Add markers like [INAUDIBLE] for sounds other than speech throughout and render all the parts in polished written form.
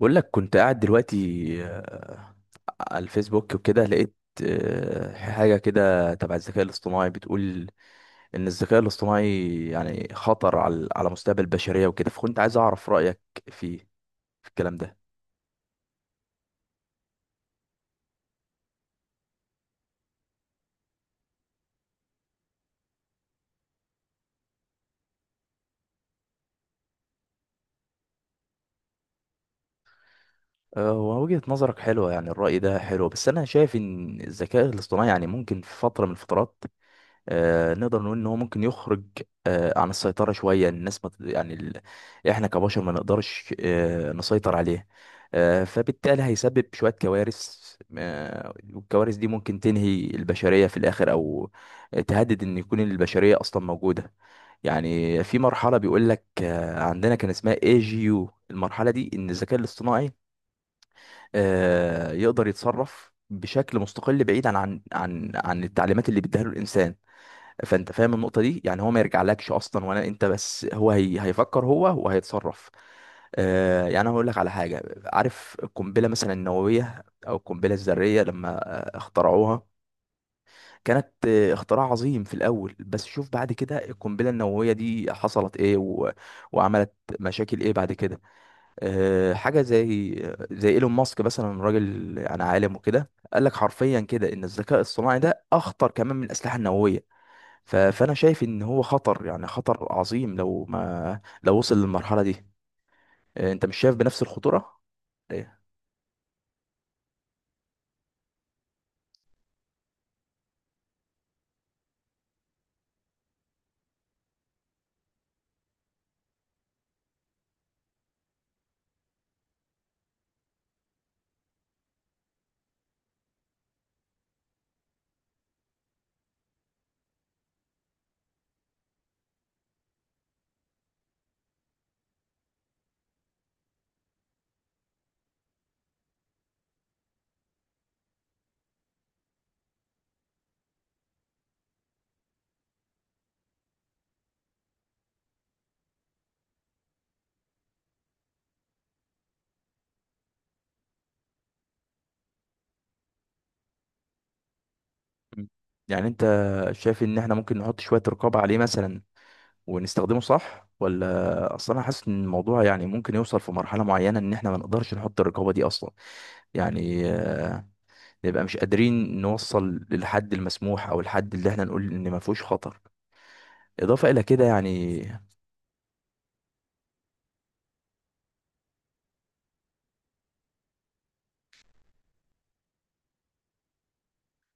بقول لك كنت قاعد دلوقتي. آه، على الفيسبوك وكده لقيت حاجة كده تبع الذكاء الاصطناعي، بتقول إن الذكاء الاصطناعي يعني خطر على مستقبل البشرية وكده، فكنت عايز أعرف رأيك فيه في الكلام ده. ووجهة نظرك حلوة، يعني الرأي ده حلو، بس أنا شايف إن الذكاء الاصطناعي يعني ممكن في فترة من الفترات نقدر نقول ان هو ممكن يخرج عن السيطرة شوية، الناس ما ت- يعني ال... احنا كبشر ما نقدرش نسيطر عليه. فبالتالي هيسبب شوية كوارث، والكوارث دي ممكن تنهي البشرية في الآخر، أو تهدد إن يكون البشرية أصلا موجودة. يعني في مرحلة بيقول لك عندنا كان اسمها اي جي يو، المرحلة دي إن الذكاء الاصطناعي يقدر يتصرف بشكل مستقل، بعيد عن التعليمات اللي بيديها له الإنسان. فانت فاهم النقطه دي؟ يعني هو ما يرجعلكش اصلا ولا انت، بس هو هيفكر هو وهيتصرف. يعني انا هقول لك على حاجه، عارف القنبله مثلا النوويه او القنبله الذريه، لما اخترعوها كانت اختراع عظيم في الاول، بس شوف بعد كده القنبله النوويه دي حصلت ايه وعملت مشاكل ايه بعد كده. حاجه زي ايلون ماسك مثلا، راجل انا عالم وكده، قال لك حرفيا كده ان الذكاء الصناعي ده اخطر كمان من الاسلحه النوويه. فانا شايف ان هو خطر، يعني خطر عظيم لو ما لو وصل للمرحله دي. انت مش شايف بنفس الخطوره؟ إيه؟ مم. يعني انت شايف ان احنا ممكن نحط شويه رقابه عليه مثلا ونستخدمه صح، ولا اصلا انا حاسس ان الموضوع يعني ممكن يوصل في مرحله معينه ان احنا ما نقدرش نحط الرقابه دي اصلا، يعني نبقى مش قادرين نوصل للحد المسموح او الحد اللي احنا نقول ان ما فيهوش خطر. اضافه الى كده يعني.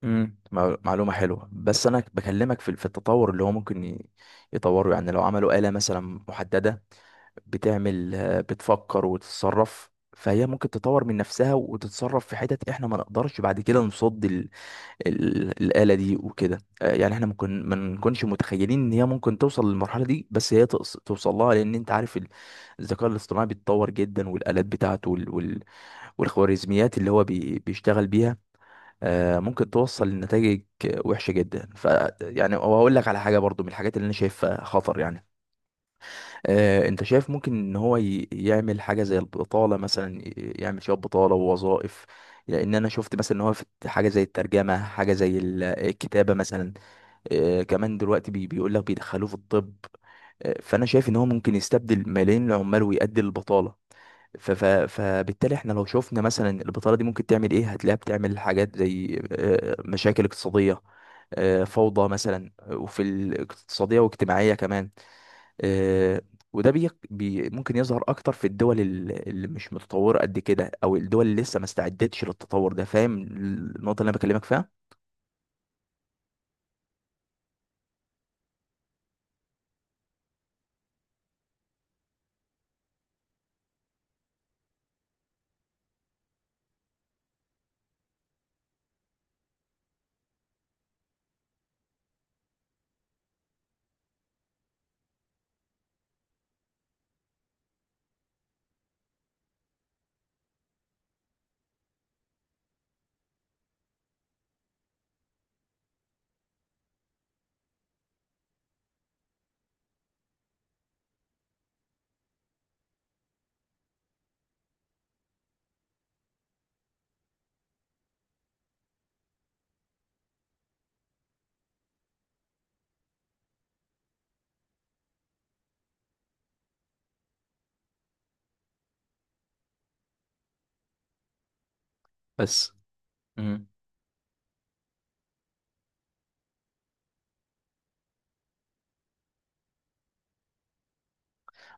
امم معلومة حلوة، بس انا بكلمك في التطور اللي هو ممكن يطوره. يعني لو عملوا آلة مثلا محددة بتعمل آه، بتفكر وتتصرف، فهي ممكن تطور من نفسها وتتصرف في حتت احنا ما نقدرش بعد كده نصد الآلة دي وكده. يعني احنا ممكن ما نكونش متخيلين ان هي ممكن توصل للمرحلة دي، بس هي توصل لها، لان انت عارف الذكاء الاصطناعي بيتطور جدا، والآلات بتاعته، والخوارزميات اللي هو بيشتغل بيها ممكن توصل لنتائج وحشه جدا. ف يعني وهقول لك على حاجه برضو، من الحاجات اللي انا شايفها خطر يعني، انت شايف ممكن ان هو يعمل حاجه زي البطاله مثلا، يعمل شويه بطاله ووظائف. لان انا شفت مثلا ان هو في حاجه زي الترجمه، حاجه زي الكتابه مثلا. كمان دلوقتي بيقول لك بيدخلوه في الطب. فانا شايف ان هو ممكن يستبدل ملايين العمال ويؤدي للبطاله. فبالتالي احنا لو شفنا مثلا البطالة دي ممكن تعمل ايه، هتلاقيها بتعمل حاجات زي مشاكل اقتصادية، فوضى مثلا، وفي الاقتصادية واجتماعية كمان. آه، وده ممكن يظهر اكتر في الدول اللي مش متطورة قد كده، او الدول اللي لسه ما استعدتش للتطور ده. فاهم النقطة اللي انا بكلمك فيها؟ بس مم.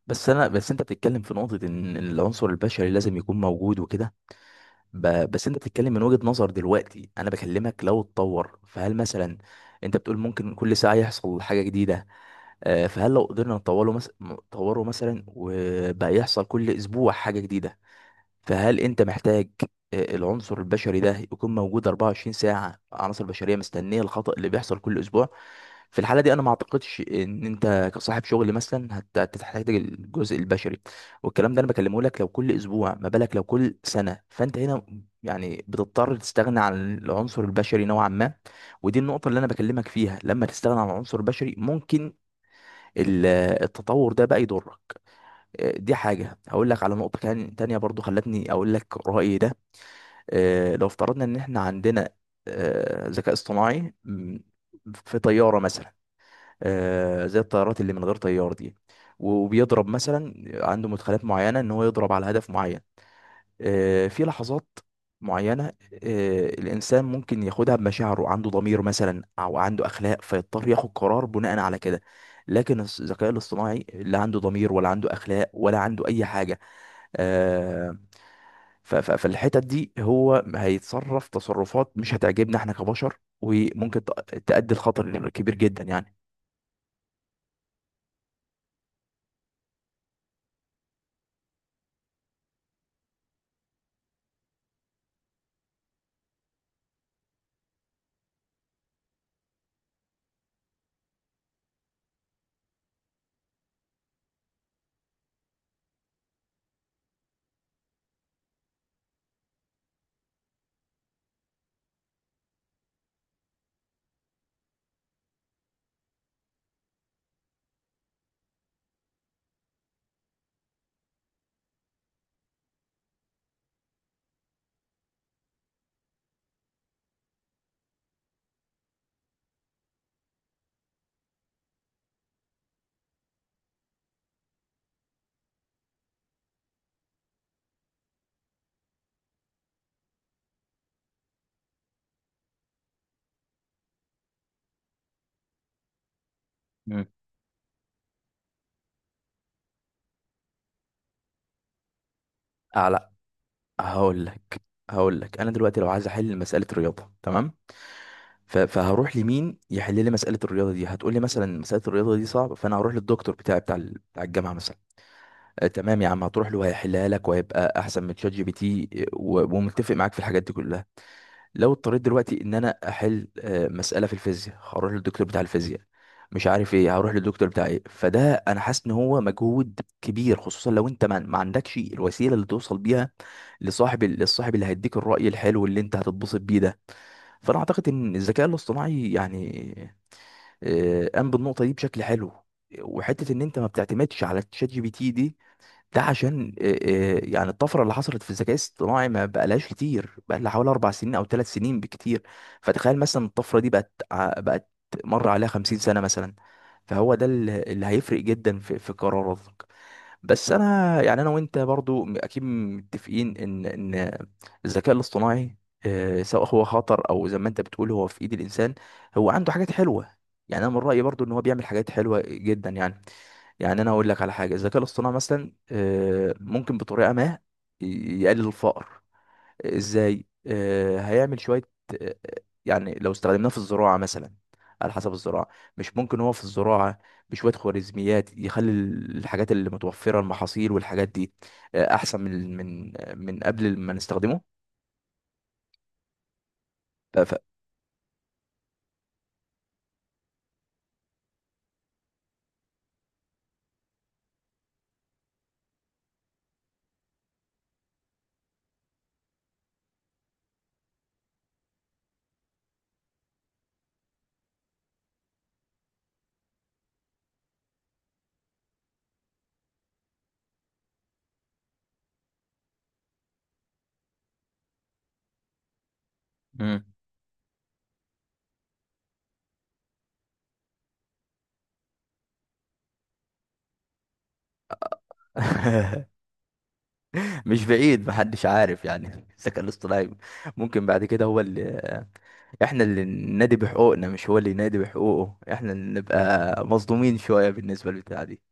بس انا بس انت بتتكلم في نقطة ان العنصر البشري لازم يكون موجود وكده. بس انت بتتكلم من وجهة نظر دلوقتي. انا بكلمك لو اتطور، فهل مثلا، انت بتقول ممكن كل ساعة يحصل حاجة جديدة، فهل لو قدرنا نطوره مثلا نطوره مثلا، وبقى يحصل كل اسبوع حاجة جديدة، فهل انت محتاج العنصر البشري ده يكون موجود 24 ساعة؟ عناصر بشرية مستنية الخطأ اللي بيحصل كل اسبوع؟ في الحالة دي انا ما اعتقدش ان انت كصاحب شغل مثلا هتحتاج الجزء البشري. والكلام ده انا بكلمه لك لو كل اسبوع، ما بالك لو كل سنة. فانت هنا يعني بتضطر تستغنى عن العنصر البشري نوعا ما. ودي النقطة اللي انا بكلمك فيها، لما تستغنى عن العنصر البشري ممكن ال- التطور ده بقى يضرك. دي حاجة. هقول لك على نقطة كان تانية برضو خلتني أقول لك رأيي ده. لو افترضنا إن إحنا عندنا ذكاء اصطناعي في طيارة مثلا، زي الطيارات اللي من غير طيار دي، وبيضرب مثلا، عنده مدخلات معينة إن هو يضرب على هدف معين في لحظات معينة. الإنسان ممكن ياخدها بمشاعره، عنده ضمير مثلا أو عنده أخلاق، فيضطر ياخد قرار بناء على كده. لكن الذكاء الاصطناعي لا عنده ضمير، ولا عنده أخلاق، ولا عنده أي حاجة. آه، فالحتت دي هو هيتصرف تصرفات مش هتعجبنا احنا كبشر، وممكن تؤدي لخطر كبير جدا يعني. مم. لا. هقول لك هقول لك انا دلوقتي لو عايز احل مساله الرياضه، تمام؟ فهروح لمين يحل لي مساله الرياضه دي؟ هتقول لي مثلا مساله الرياضه دي صعبه، فانا هروح للدكتور بتاعي بتاع بتاع الجامعه مثلا. آه تمام يا عم، هتروح له هيحلها لك وهيبقى احسن من ChatGPT، ومتفق معاك في الحاجات دي كلها. لو اضطريت دلوقتي ان انا احل مساله في الفيزياء، هروح للدكتور بتاع الفيزياء، مش عارف ايه هروح للدكتور بتاع ايه. فده انا حاسس ان هو مجهود كبير، خصوصا لو انت ما عندكش الوسيله اللي توصل بيها لصاحب للصاحب اللي هيديك الراي الحلو اللي انت هتتبسط بيه ده. فانا اعتقد ان الذكاء الاصطناعي يعني قام بالنقطه دي بشكل حلو. وحته ان انت ما بتعتمدش على ChatGPT دي، ده عشان يعني الطفره اللي حصلت في الذكاء الاصطناعي ما بقالهاش كتير، بقى لها حوالي 4 سنين او 3 سنين بكتير. فتخيل مثلا الطفره دي بقت بقت مر عليها 50 سنه مثلا، فهو ده اللي هيفرق جدا في قراراتك. بس انا يعني انا وانت برضو اكيد متفقين ان الذكاء الاصطناعي سواء هو خطر او زي ما انت بتقول هو في ايد الانسان، هو عنده حاجات حلوه. يعني انا من رايي برضو ان هو بيعمل حاجات حلوه جدا يعني انا هقول لك على حاجه، الذكاء الاصطناعي مثلا ممكن بطريقه ما يقلل الفقر. ازاي؟ هيعمل شويه آه، يعني لو استخدمناه في الزراعه مثلا، على حسب الزراعه، مش ممكن هو في الزراعه بشويه خوارزميات يخلي الحاجات اللي متوفره، المحاصيل والحاجات دي، احسن من من قبل ما نستخدمه؟ ف- ف- [LAUGHS] [LAUGHS] مم. مش بعيد، محدش عارف يعني. [LAUGHS] الذكاء الاصطناعي ممكن بعد كده هو اللي احنا اللي ننادي بحقوقنا مش هو اللي ينادي بحقوقه، احنا اللي نبقى مظلومين شوية بالنسبة للبتاع دي.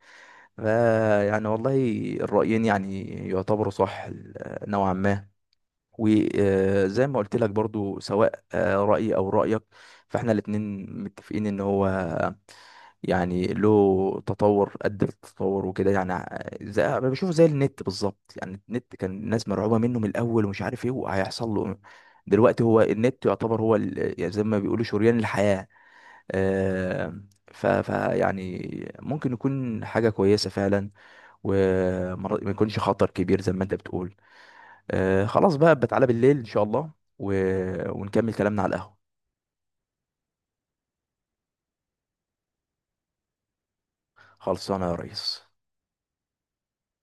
يعني والله الرأيين يعني يعتبروا صح، نوعا ما. وزي ما قلت لك برضو، سواء رأيي أو رأيك، فاحنا الاتنين متفقين ان هو يعني له تطور قد التطور وكده. يعني زي بشوفه زي النت بالظبط، يعني النت كان الناس مرعوبة منه من الأول ومش عارف ايه وهيحصل له إيه. دلوقتي هو النت يعتبر هو يعني زي ما بيقولوا شريان الحياة. آه، ف يعني ممكن يكون حاجة كويسة فعلا، وما يكونش خطر كبير زي ما انت بتقول. خلاص بقى، بتعالى بالليل ان شاء الله و... ونكمل كلامنا على القهوة. خلصانه يا ريس.